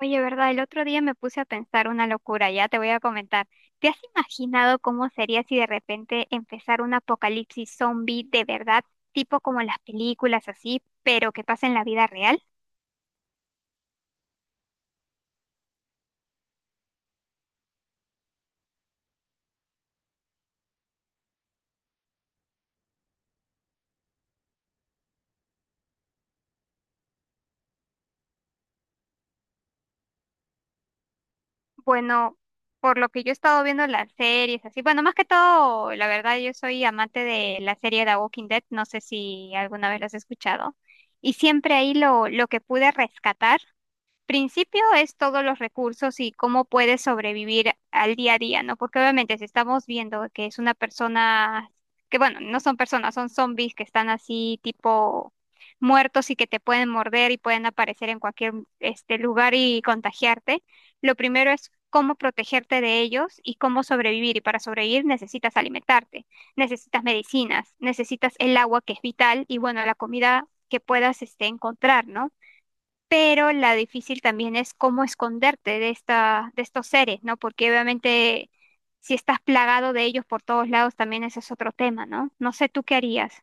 Oye, ¿verdad? El otro día me puse a pensar una locura, ya te voy a comentar. ¿Te has imaginado cómo sería si de repente empezara un apocalipsis zombie de verdad, tipo como en las películas así, pero que pasa en la vida real? Bueno, por lo que yo he estado viendo las series así, bueno, más que todo, la verdad, yo soy amante de la serie The Walking Dead, no sé si alguna vez la has escuchado. Y siempre ahí lo que pude rescatar principio es todos los recursos y cómo puedes sobrevivir al día a día, ¿no? Porque obviamente si estamos viendo que es una persona, que bueno, no son personas, son zombies que están así tipo muertos y que te pueden morder y pueden aparecer en cualquier este lugar y contagiarte, lo primero es cómo protegerte de ellos y cómo sobrevivir. Y para sobrevivir necesitas alimentarte, necesitas medicinas, necesitas el agua que es vital y bueno, la comida que puedas este, encontrar, ¿no? Pero la difícil también es cómo esconderte de esta, de estos seres, ¿no? Porque obviamente si estás plagado de ellos por todos lados, también ese es otro tema, ¿no? No sé tú qué harías.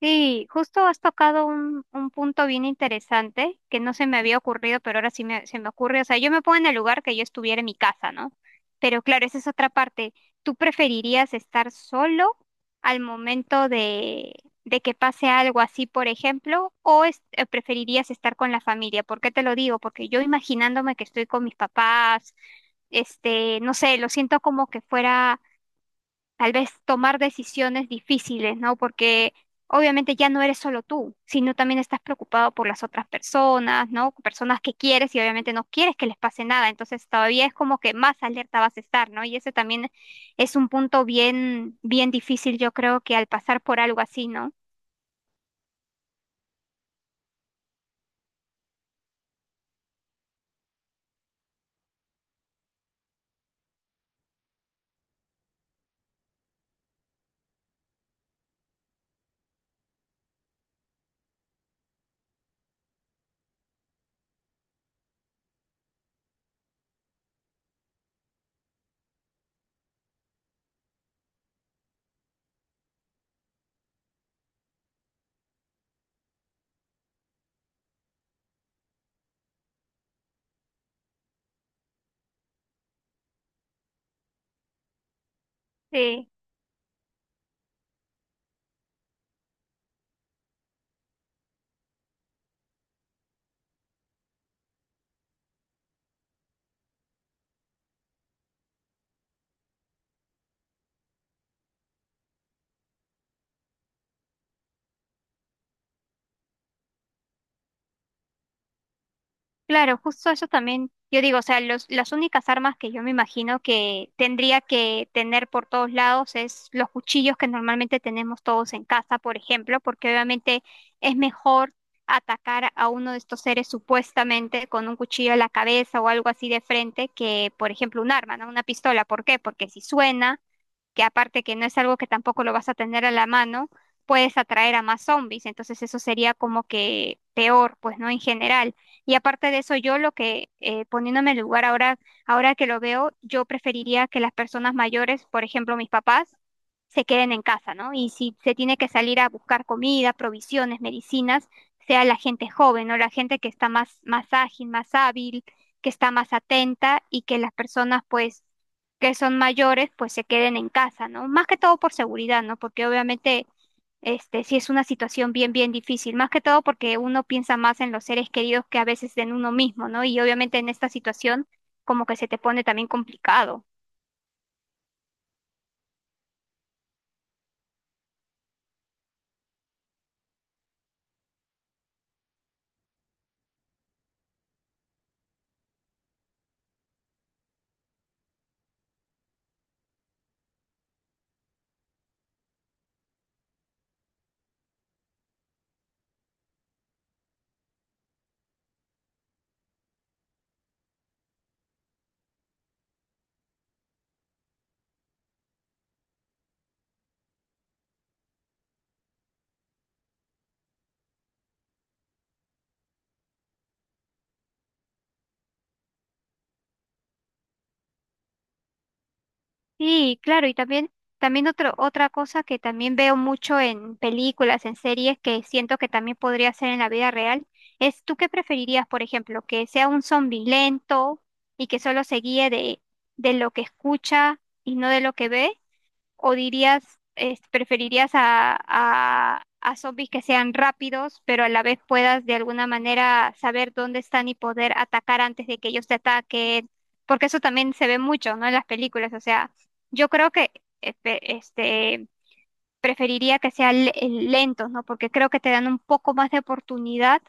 Sí, justo has tocado un punto bien interesante que no se me había ocurrido, pero ahora sí me, se me ocurre. O sea, yo me pongo en el lugar que yo estuviera en mi casa, ¿no? Pero claro, esa es otra parte. ¿Tú preferirías estar solo al momento de que pase algo así, por ejemplo, o preferirías estar con la familia? ¿Por qué te lo digo? Porque yo imaginándome que estoy con mis papás, este, no sé, lo siento como que fuera tal vez tomar decisiones difíciles, ¿no? Porque obviamente ya no eres solo tú, sino también estás preocupado por las otras personas, ¿no? Personas que quieres y obviamente no quieres que les pase nada, entonces todavía es como que más alerta vas a estar, ¿no? Y ese también es un punto bien, bien difícil, yo creo que al pasar por algo así, ¿no? Sí. Claro, justo eso también, yo digo, o sea, los, las únicas armas que yo me imagino que tendría que tener por todos lados es los cuchillos que normalmente tenemos todos en casa, por ejemplo, porque obviamente es mejor atacar a uno de estos seres supuestamente con un cuchillo a la cabeza o algo así de frente que, por ejemplo, un arma, ¿no? Una pistola. ¿Por qué? Porque si suena que aparte que no es algo que tampoco lo vas a tener a la mano, puedes atraer a más zombies, entonces eso sería como que peor, pues no en general. Y aparte de eso, yo lo que poniéndome en el lugar ahora, ahora que lo veo, yo preferiría que las personas mayores, por ejemplo, mis papás, se queden en casa, ¿no? Y si se tiene que salir a buscar comida, provisiones, medicinas, sea la gente joven, ¿no? La gente que está más, más ágil, más hábil, que está más atenta y que las personas pues que son mayores, pues se queden en casa, ¿no? Más que todo por seguridad, ¿no? Porque obviamente, este, sí es una situación bien, bien difícil, más que todo porque uno piensa más en los seres queridos que a veces en uno mismo, ¿no? Y obviamente en esta situación como que se te pone también complicado. Sí, claro, y también, también otro, otra cosa que también veo mucho en películas, en series, que siento que también podría ser en la vida real, es ¿tú qué preferirías, por ejemplo, que sea un zombi lento y que solo se guíe de lo que escucha y no de lo que ve? ¿O dirías, preferirías a zombies que sean rápidos, pero a la vez puedas de alguna manera saber dónde están y poder atacar antes de que ellos te ataquen? Porque eso también se ve mucho, ¿no? En las películas. O sea, yo creo que este, preferiría que sean lentos, ¿no? Porque creo que te dan un poco más de oportunidad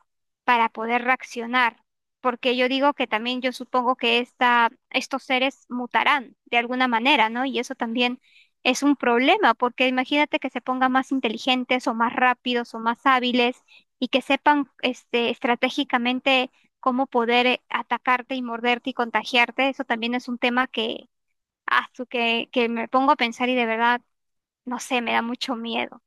para poder reaccionar. Porque yo digo que también yo supongo que esta, estos seres mutarán de alguna manera, ¿no? Y eso también es un problema, porque imagínate que se pongan más inteligentes o más rápidos o más hábiles y que sepan este, estratégicamente cómo poder atacarte y morderte y contagiarte. Eso también es un tema que, que me pongo a pensar y de verdad no sé, me da mucho miedo.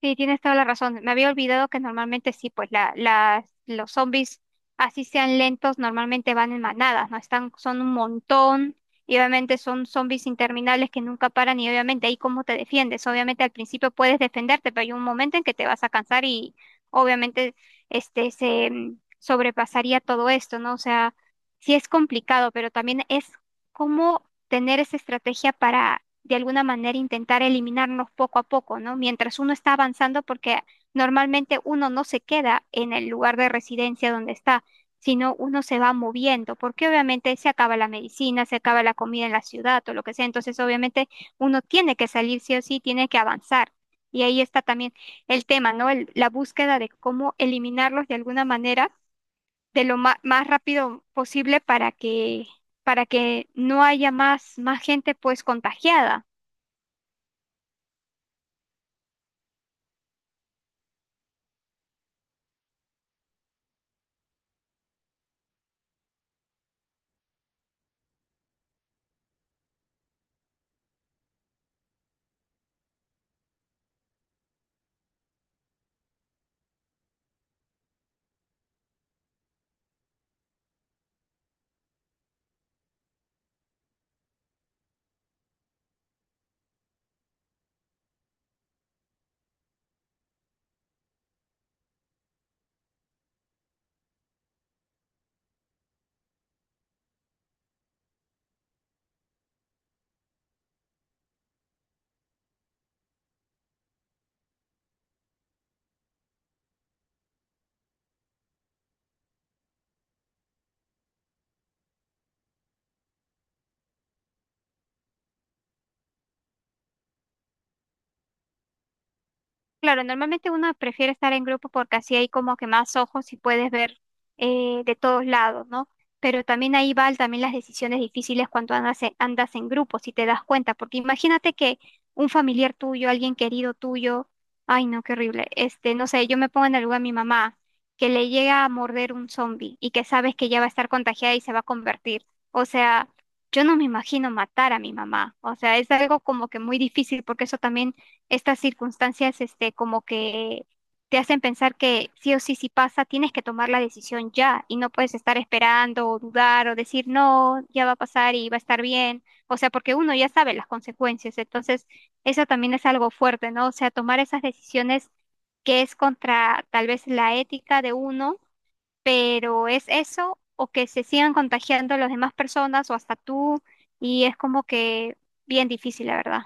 Sí, tienes toda la razón. Me había olvidado que normalmente sí, pues la, las, los zombies, así sean lentos, normalmente van en manadas, ¿no? Están, son un montón y obviamente son zombies interminables que nunca paran y obviamente ahí cómo te defiendes. Obviamente al principio puedes defenderte, pero hay un momento en que te vas a cansar y obviamente este se sobrepasaría todo esto, ¿no? O sea, sí es complicado, pero también es cómo tener esa estrategia para de alguna manera intentar eliminarnos poco a poco, ¿no? Mientras uno está avanzando, porque normalmente uno no se queda en el lugar de residencia donde está, sino uno se va moviendo, porque obviamente se acaba la medicina, se acaba la comida en la ciudad o lo que sea, entonces obviamente uno tiene que salir sí o sí, tiene que avanzar. Y ahí está también el tema, ¿no? La búsqueda de cómo eliminarlos de alguna manera, de lo más rápido posible para que no haya más, más gente pues contagiada. Claro, normalmente uno prefiere estar en grupo porque así hay como que más ojos y puedes ver de todos lados, ¿no? Pero también ahí van también las decisiones difíciles cuando andas en, andas en grupo, si te das cuenta, porque imagínate que un familiar tuyo, alguien querido tuyo, ay no, qué horrible, este, no sé, yo me pongo en el lugar de mi mamá, que le llega a morder un zombie y que sabes que ya va a estar contagiada y se va a convertir. O sea, yo no me imagino matar a mi mamá, o sea, es algo como que muy difícil porque eso también estas circunstancias, este, como que te hacen pensar que sí o sí, si pasa, tienes que tomar la decisión ya y no puedes estar esperando o dudar o decir no, ya va a pasar y va a estar bien. O sea, porque uno ya sabe las consecuencias. Entonces, eso también es algo fuerte, ¿no? O sea, tomar esas decisiones que es contra tal vez la ética de uno, pero es eso o que se sigan contagiando las demás personas o hasta tú y es como que bien difícil, la verdad.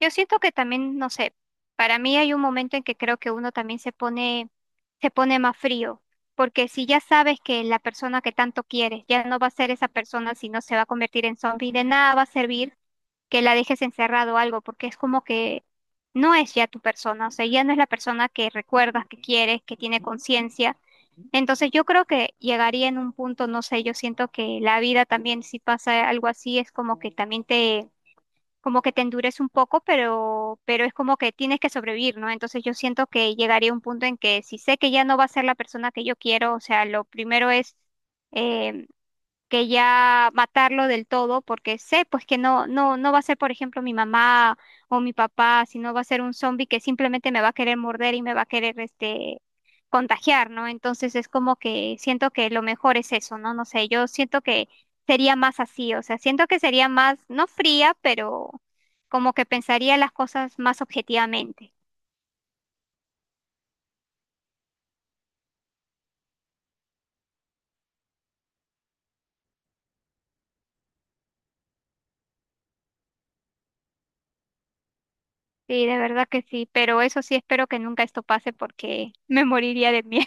Yo siento que también, no sé, para mí hay un momento en que creo que uno también se pone más frío, porque si ya sabes que la persona que tanto quieres ya no va a ser esa persona, sino se va a convertir en zombie, de nada va a servir que la dejes encerrado o algo, porque es como que no es ya tu persona, o sea, ya no es la persona que recuerdas, que quieres, que tiene conciencia. Entonces yo creo que llegaría en un punto, no sé, yo siento que la vida también, si pasa algo así, es como que también te como que te endurece un poco, pero es como que tienes que sobrevivir, ¿no? Entonces yo siento que llegaría a un punto en que si sé que ya no va a ser la persona que yo quiero, o sea, lo primero es eh, que ya matarlo del todo, porque sé pues que no, no, no va a ser, por ejemplo, mi mamá o mi papá, sino va a ser un zombie que simplemente me va a querer morder y me va a querer este contagiar, ¿no? Entonces es como que siento que lo mejor es eso, ¿no? No sé, yo siento que sería más así, o sea, siento que sería más, no fría, pero como que pensaría las cosas más objetivamente. Sí, de verdad que sí, pero eso sí espero que nunca esto pase porque me moriría de miedo.